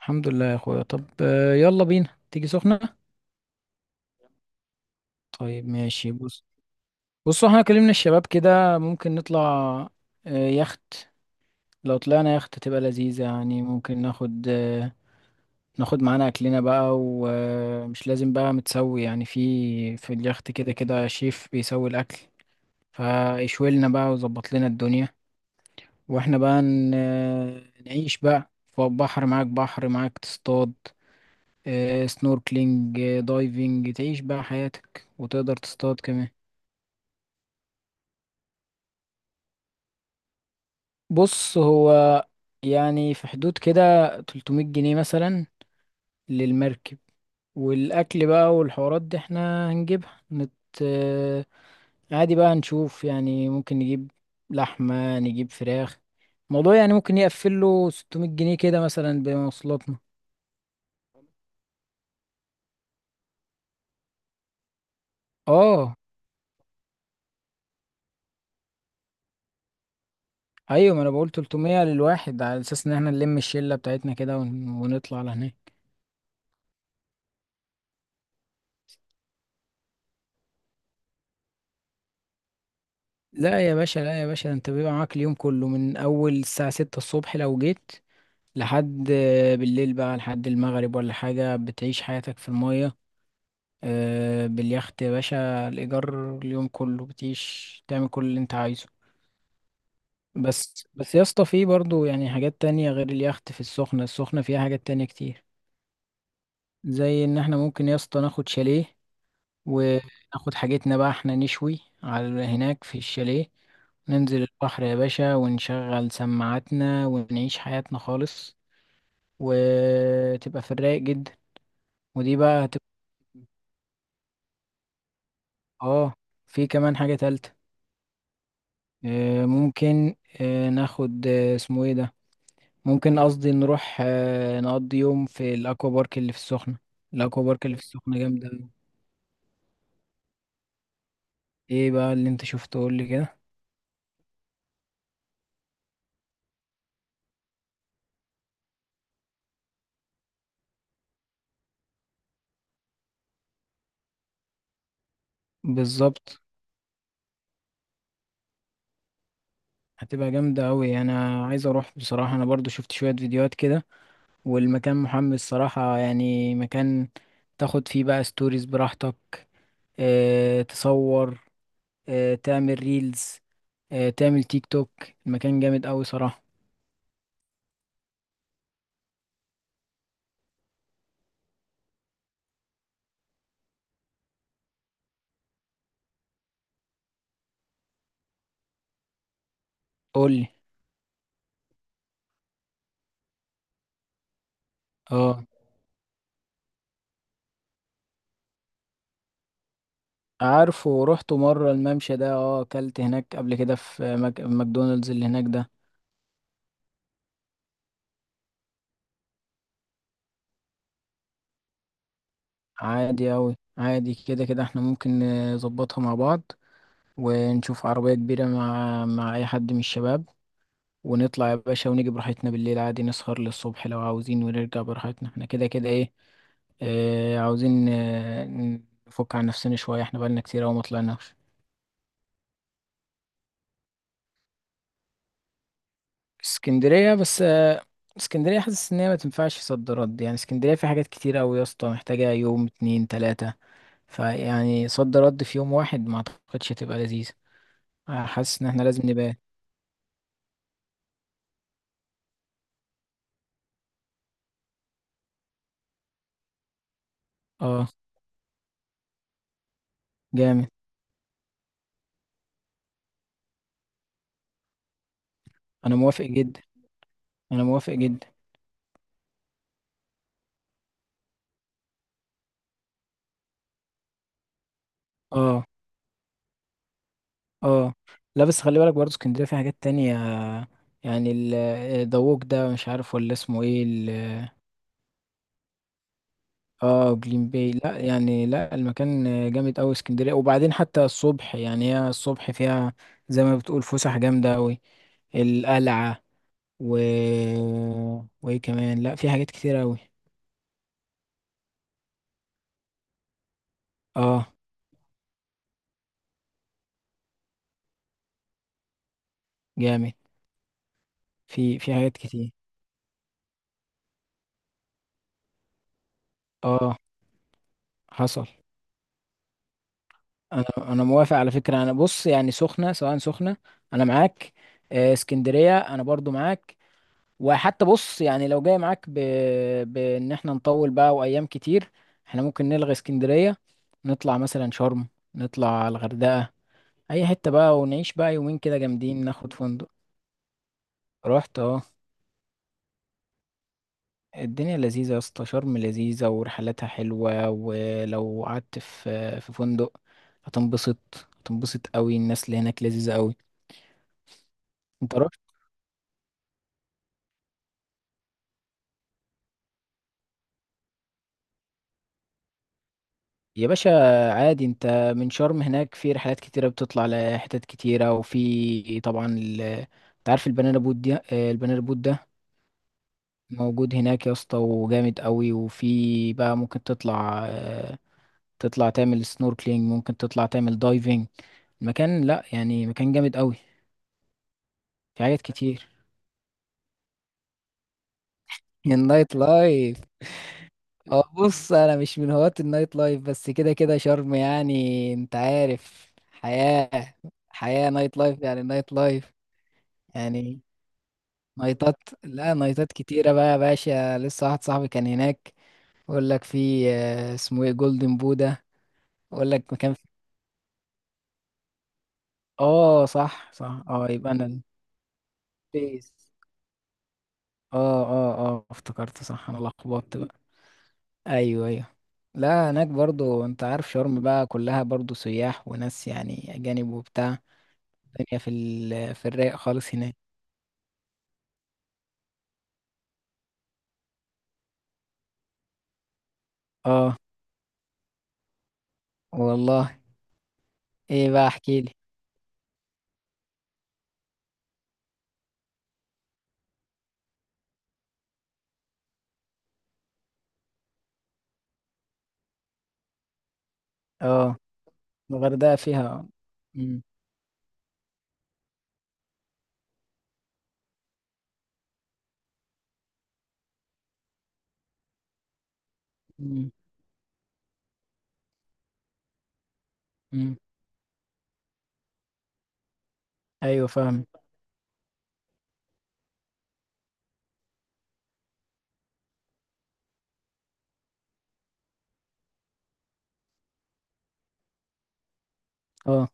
الحمد لله يا اخويا. طب يلا بينا تيجي سخنة. طيب ماشي، بص. بص احنا كلمنا الشباب كده ممكن نطلع يخت. لو طلعنا يخت تبقى لذيذة، يعني ممكن ناخد ناخد معانا اكلنا بقى، ومش لازم بقى متسوي يعني في اليخت كده كده شيف بيسوي الاكل، فيشوي لنا بقى ويظبط لنا الدنيا. واحنا بقى نعيش بقى فوق، بحر معاك، بحر معاك تصطاد سنوركلينج، دايفنج، تعيش بقى حياتك وتقدر تصطاد كمان. بص هو يعني في حدود كده 300 جنيه مثلا للمركب. والأكل بقى والحوارات دي احنا هنجيبها نت... آه، عادي بقى نشوف، يعني ممكن نجيب لحمة، نجيب فراخ. الموضوع يعني ممكن يقفل له 600 جنيه كده مثلا بمواصلاتنا. اه، ايوه، ما انا بقول 300 للواحد، على اساس ان احنا نلم الشلة بتاعتنا كده ونطلع لهناك. لا يا باشا، لا يا باشا، ده انت بيبقى معاك اليوم كله من اول الساعة ستة الصبح لو جيت لحد بالليل بقى، لحد المغرب ولا حاجة، بتعيش حياتك في المية، باليخت يا باشا. الإيجار اليوم كله، بتعيش تعمل كل اللي انت عايزه. بس يا اسطى، في برضه يعني حاجات تانية غير اليخت في السخنة. السخنة فيها حاجات تانية كتير، زي ان احنا ممكن يا اسطى ناخد شاليه، وناخد حاجتنا بقى احنا نشوي على هناك في الشاليه، ننزل البحر يا باشا، ونشغل سماعاتنا، ونعيش حياتنا خالص. وتبقى في الرايق جدا. ودي بقى هتبقى. اه، في كمان حاجة تالتة. ممكن ناخد اسمه ايه ده، ممكن قصدي نروح نقضي يوم في الاكوا بارك اللي في السخنة. الاكوا بارك اللي في السخنة جامدة أوي. ايه بقى اللي انت شفته؟ قول لي كده. بالظبط، هتبقى جامدة أوي. أنا عايز أروح بصراحة، أنا برضو شفت شوية فيديوهات كده، والمكان محمس صراحة. يعني مكان تاخد فيه بقى ستوريز براحتك، اه تصور، اه تعمل ريلز، اه تعمل تيك توك. المكان جامد أوي صراحة. قولي. اه عارفه، روحته مرة الممشى ده. اه، أكلت هناك قبل كده في ماكدونالدز اللي هناك ده. عادي أوي، عادي، كده كده احنا ممكن نظبطها مع بعض، ونشوف عربية كبيرة مع أي حد من الشباب، ونطلع يا باشا، ونيجي براحتنا بالليل عادي، نسهر للصبح لو عاوزين، ونرجع براحتنا. احنا كده كده ايه، اه عاوزين نفك عن نفسنا شوية، احنا بقالنا كتير أوي ما طلعناش. اسكندرية؟ بس اسكندرية حاسس ان هي ما تنفعش صد رد، يعني اسكندرية في حاجات كتير أوي يا اسطى، محتاجة يوم اتنين تلاتة. فيعني صد رد في يوم واحد، ما اعتقدش هتبقى لذيذة. حاسس ان احنا لازم نبقى. اه جامد. انا موافق جدا، انا موافق جدا. اه. اه لا، بس خلي بالك برضه اسكندريه فيها حاجات تانية. يعني دووك ده، مش عارف ولا اسمه ايه اه جليم باي. لا يعني، لا، المكان جامد قوي اسكندريه. وبعدين حتى الصبح، يعني هي الصبح فيها زي ما بتقول فسح جامده قوي، القلعه، و وايه كمان، لا في حاجات كتير قوي. اه جامد. في حاجات كتير. اه حصل. انا موافق على فكره. انا بص يعني سخنه، سواء سخنه انا معاك، اسكندريه انا برضو معاك. وحتى بص، يعني لو جاي معاك بان احنا نطول بقى وايام كتير، احنا ممكن نلغي اسكندريه، نطلع مثلا شرم، نطلع الغردقه، اي حته بقى، ونعيش بقى يومين كده جامدين، ناخد فندق. رحت اه. الدنيا لذيذه يا اسطى، شرم لذيذه، ورحلاتها حلوه، ولو قعدت في فندق هتنبسط، هتنبسط قوي. الناس اللي هناك لذيذه قوي. انت؟ يا باشا عادي، انت من شرم هناك في رحلات كتيرة بتطلع لحتت كتيرة، وفي طبعا انت عارف البنانا بوت دي، البنانا بوت ده موجود هناك يا اسطى، وجامد قوي. وفي بقى ممكن تطلع تطلع تعمل سنوركلينج، ممكن تطلع تعمل دايفنج. المكان لا يعني، مكان جامد قوي، في حاجات كتير. النايت لايف. اه بص، انا مش من هواة النايت لايف، بس كده كده شرم يعني انت عارف، حياة نايت لايف، يعني نايت لايف، يعني نايتات. لا نايتات كتيرة بقى يا باشا. لسه واحد صاحبي كان هناك يقول لك في اسمه ايه، جولدن بودا، يقول لك مكان في. اه صح، صح، اه يبقى انا بيس. اه اه اه افتكرت صح، انا لخبطت بقى. ايوه، ايوه. لا هناك برضو، انت عارف شرم بقى كلها برضو سياح وناس يعني اجانب وبتاع. الدنيا في في الرايق خالص هناك. اه والله. ايه بقى؟ احكيلي. اه. الغردقة فيها. مم. مم. مم. ايوه فاهم. اه.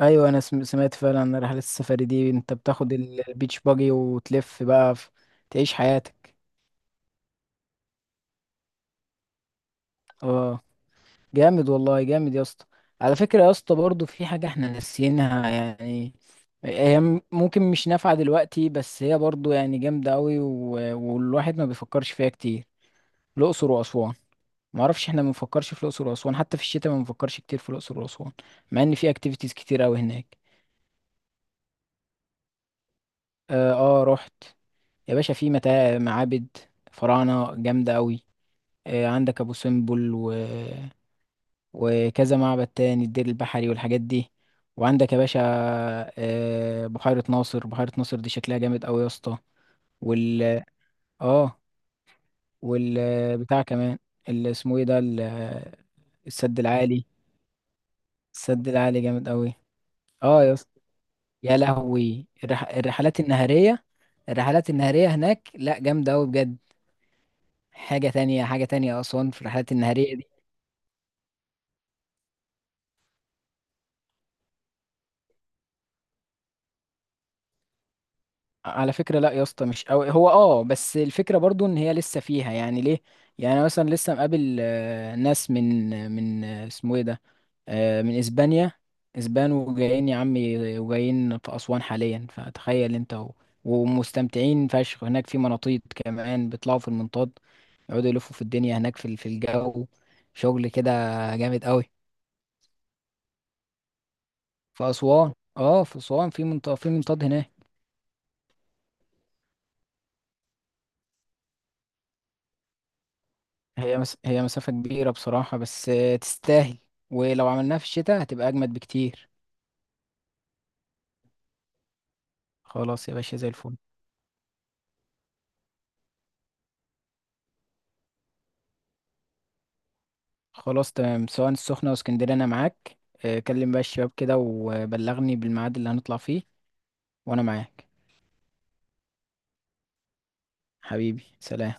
ايوه انا سمعت فعلا عن رحلة السفاري دي. انت بتاخد البيتش باجي وتلف بقى تعيش حياتك. اه جامد، والله جامد يا اسطى. على فكرة يا اسطى، برضو في حاجة احنا ناسيينها. يعني هي ممكن مش نافعة دلوقتي، بس هي برضو يعني جامدة قوي، و... والواحد ما بيفكرش فيها كتير: الأقصر وأسوان. معرفش، احنا ما بنفكرش في الأقصر وأسوان، حتى في الشتاء ما بنفكرش كتير في الأقصر وأسوان، مع ان في اكتيفيتيز كتير قوي هناك. اه رحت. يا باشا في متاع معابد، فراعنة جامدة قوي، عندك ابو سمبل و... وكذا معبد تاني، الدير البحري والحاجات دي. وعندك يا باشا بحيرة ناصر. بحيرة ناصر دي شكلها جامد قوي يا اسطى. وال اه والبتاع كمان اللي اسمه ايه ده، السد العالي. السد العالي جامد قوي. اه يا اسطى. يا لهوي، الرحلات النهارية، الرحلات النهارية هناك لا جامدة قوي بجد. حاجة تانية، حاجة تانية أسوان في الرحلات النهارية دي. على فكرة لا يا اسطى مش قوي هو، اه. بس الفكرة برضو ان هي لسه فيها يعني ليه. يعني أنا مثلا لسه مقابل ناس من اسمه ايه ده، من اسبانيا. اسبان، وجايين يا عمي، وجايين في اسوان حاليا. فتخيل انت، و... ومستمتعين فشخ هناك، في مناطيد كمان بيطلعوا في المنطاد، يقعدوا يلفوا في الدنيا هناك في في الجو. شغل كده جامد قوي. في اسوان، اه في اسوان، في منطاد، في منطاد هناك. هي هي مسافة كبيرة بصراحة، بس تستاهل. ولو عملناها في الشتاء هتبقى أجمد بكتير. خلاص يا باشا زي الفل. خلاص تمام، سواء السخنة أو اسكندرية أنا معاك. كلم بقى الشباب كده وبلغني بالميعاد اللي هنطلع فيه، وأنا معاك. حبيبي سلام.